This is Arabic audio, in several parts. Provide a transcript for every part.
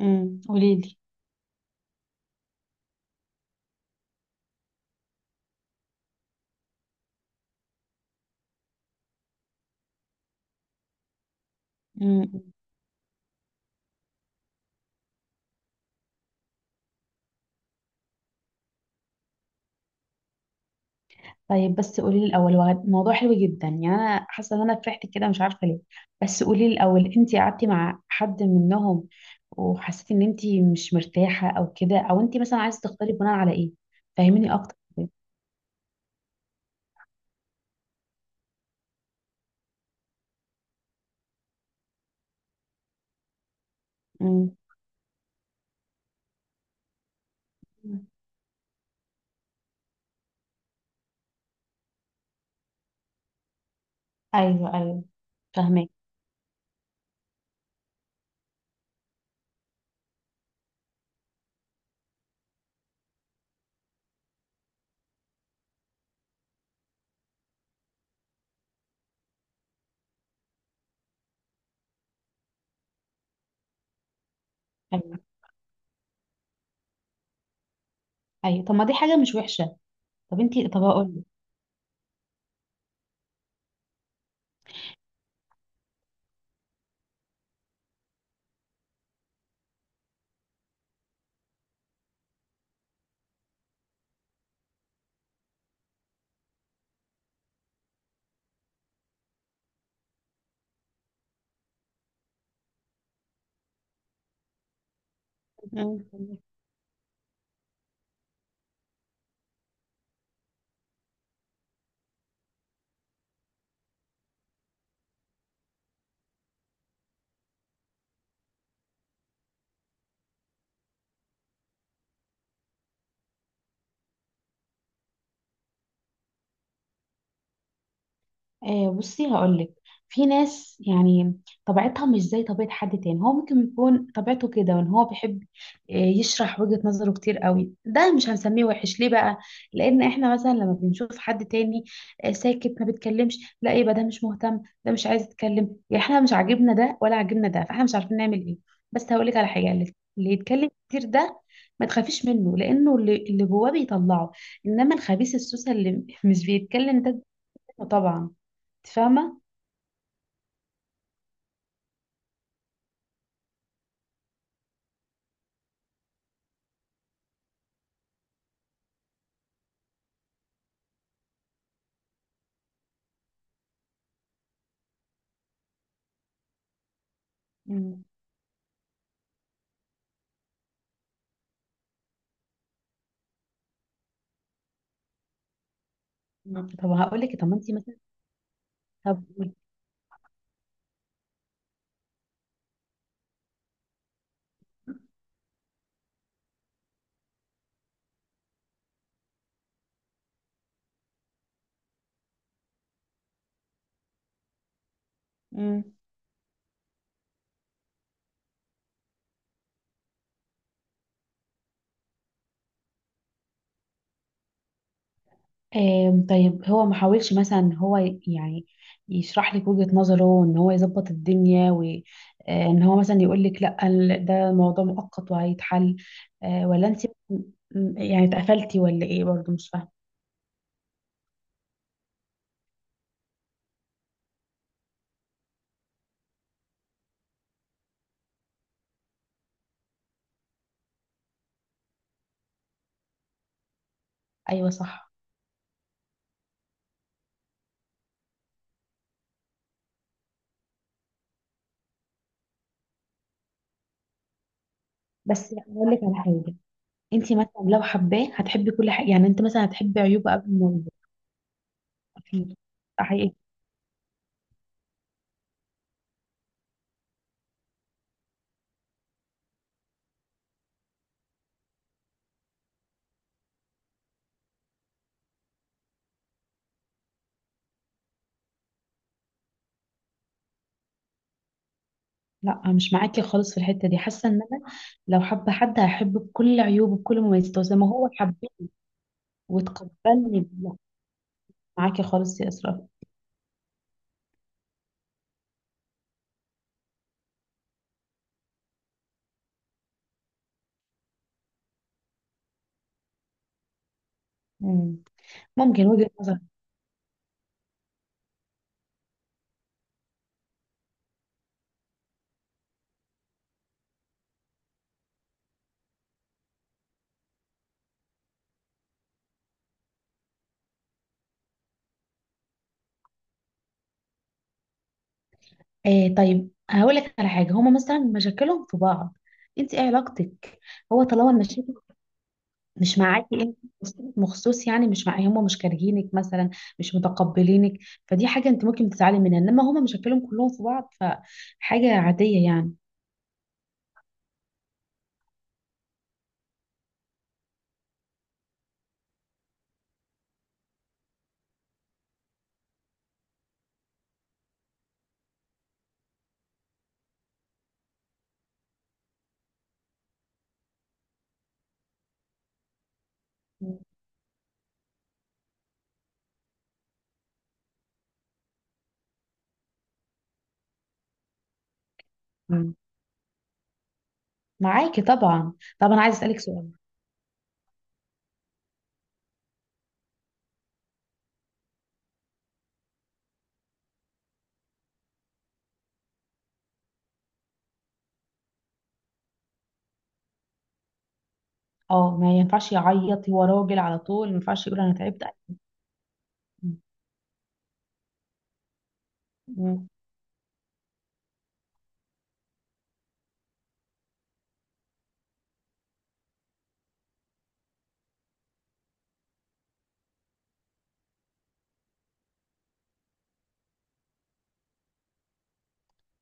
قولي لي. امم طيب، بس قولي لي الاول. موضوع حلو جدا، يعني انا حاسه ان انا فرحت كده، مش عارفه ليه. بس قولي لي الاول، انت قعدتي مع حد منهم وحسيتي ان انت مش مرتاحه او كده، او انت مثلا عايزه تختاري بناء على ايه؟ فهميني اكتر. امم ايوه، ايوه، فاهمك. ايوه، ايوه، طب ما دي حاجه مش وحشه. طب انت، طب اقول لك، آه بصي هقولك. في ناس يعني طبيعتها مش زي طبيعة حد تاني، هو ممكن يكون طبيعته كده وان هو بيحب، يشرح وجهة نظره كتير قوي، ده مش هنسميه وحش ليه بقى؟ لان احنا مثلا لما بنشوف حد تاني ساكت ما بيتكلمش، لا يبقى ده مش مهتم، ده مش عايز يتكلم، يعني احنا مش عاجبنا ده ولا عاجبنا ده، فاحنا مش عارفين نعمل ايه. بس هقولك على حاجة، اللي يتكلم كتير ده ما تخافيش منه، لانه اللي جواه بيطلعه، انما الخبيث السوسه اللي مش بيتكلم ده. طبعا انت فاهمه. مم. مم. طب هقول لك، طب ما انت مثلا، طب قولي. مم. طيب هو ما حاولش مثلا ان هو يعني يشرح لك وجهة نظره، ان هو يظبط الدنيا وان هو مثلا يقول لك لا، ده موضوع مؤقت وهيتحل. آه، ولا انت يعني اتقفلتي ولا ايه؟ برضو مش فاهمه. ايوه صح. بس اقول لك على حاجه، انت مثلا لو حباه هتحبي كل حاجه، يعني انت مثلا هتحبي عيوبه قبل ما يبقى. اكيد، ده حقيقي. لا، مش معاكي خالص في الحته دي، حاسه ان انا لو حابه حد هحبه بكل عيوبه بكل مميزاته زي ما هو حبني وتقبلني. لا معاكي خالص يا اسراء. مم. ممكن وجهه نظر. آه طيب هقول لك على حاجه، هما مثلا مشاكلهم في بعض، انت ايه علاقتك؟ هو طالما المشاكل مش معاكي انت مخصوص، يعني مش معايا، هما مش كارهينك مثلا، مش متقبلينك، فدي حاجه انت ممكن تتعلم منها، انما هما مشاكلهم كلهم في بعض فحاجه عاديه يعني. مم. معاكي طبعا. طب انا عايز اسالك سؤال. اه ما ينفعش يعيط، هو راجل على طول، ما ينفعش يقول انا تعبت. مم.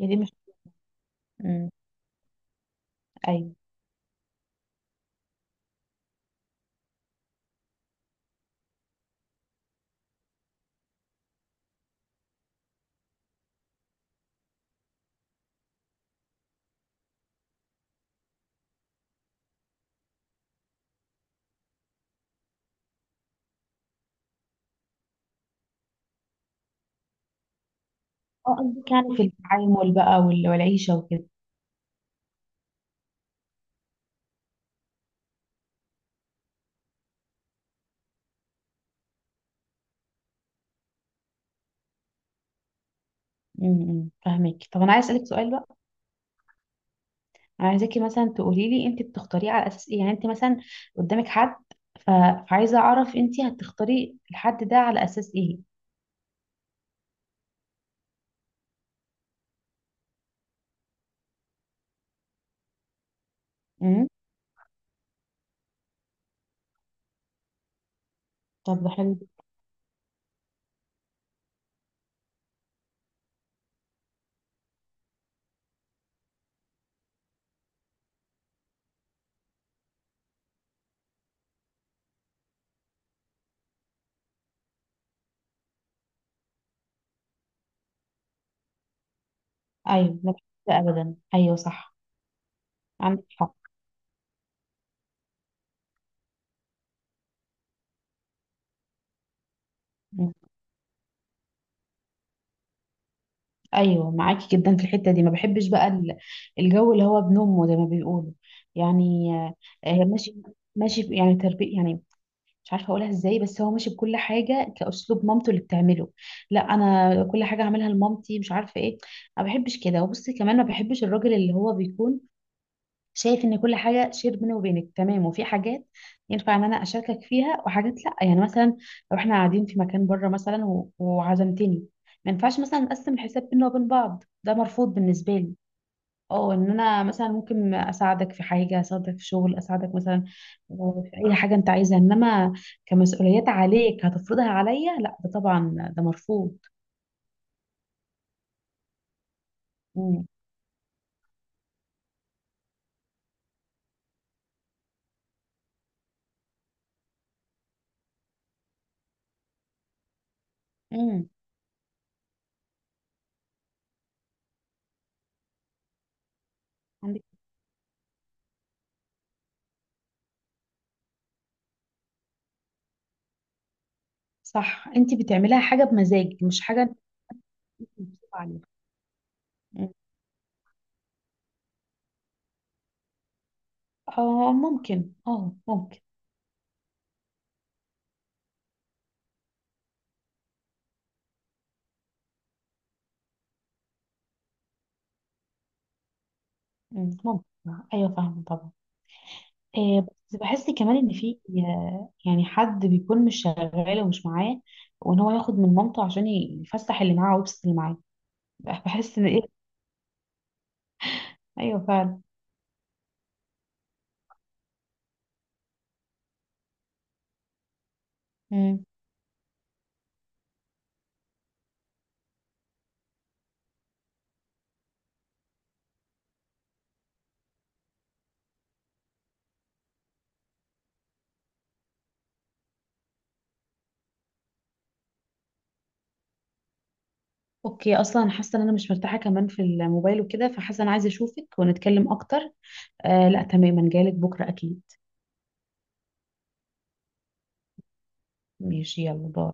هي دي مش. مم. ايوه. اه قصدك يعني في التعامل بقى والعيشه وكده. مم. فاهمك. طب انا عايز اسالك سؤال بقى، انا عايزاكي مثلا تقولي لي انت بتختاريه على اساس ايه، يعني انت مثلا قدامك حد، ف... فعايزه اعرف انت هتختاري الحد ده على اساس ايه. امم طب ده حلو. ايوه، ما بحبش ابدا، ايوه صح. عندك حق. ايوه معاكي جدا في الحته دي، ما بحبش بقى الجو اللي هو بنومه زي ما بيقولوا يعني. آه، ماشي. ماشي يعني تربيه يعني، مش عارفه اقولها ازاي بس هو ماشي بكل حاجه كاسلوب مامته اللي بتعمله، لا انا كل حاجه هعملها لمامتي مش عارفه ايه. ما بحبش كده، وبصي كمان ما بحبش الراجل اللي هو بيكون شايف ان كل حاجه شير بيني وبينك، تمام، وفي حاجات ينفع ان انا اشاركك فيها وحاجات لا، يعني مثلا لو احنا قاعدين في مكان بره مثلا وعزمتني، ما ينفعش مثلا نقسم الحساب بينا وبين بعض، ده مرفوض بالنسبه لي. اه ان انا مثلا ممكن اساعدك في حاجه، اساعدك في شغل، اساعدك مثلا في اي حاجه انت عايزها، انما كمسؤوليات عليك هتفرضها عليا لا، ده طبعا ده مرفوض. امم امم عندك صح، انت بتعملها حاجه بمزاج مش حاجه انت مغصوبة عليها. آه ممكن، اه ممكن. مم، ممكن، ايوه فاهمة طبعا. آه بس بحس كمان ان في، آه، يعني حد بيكون مش شغال ومش معاه وان هو ياخد من مامته عشان يفسح اللي معاه ويبسط اللي معاه. بحس ان ايه. ايوه فعلا. مم. اوكي، اصلا حاسه ان انا مش مرتاحه كمان في الموبايل وكده، فحاسه انا عايزه اشوفك ونتكلم اكتر. آه لا تماما، جايلك بكره اكيد. ماشي يلا باي.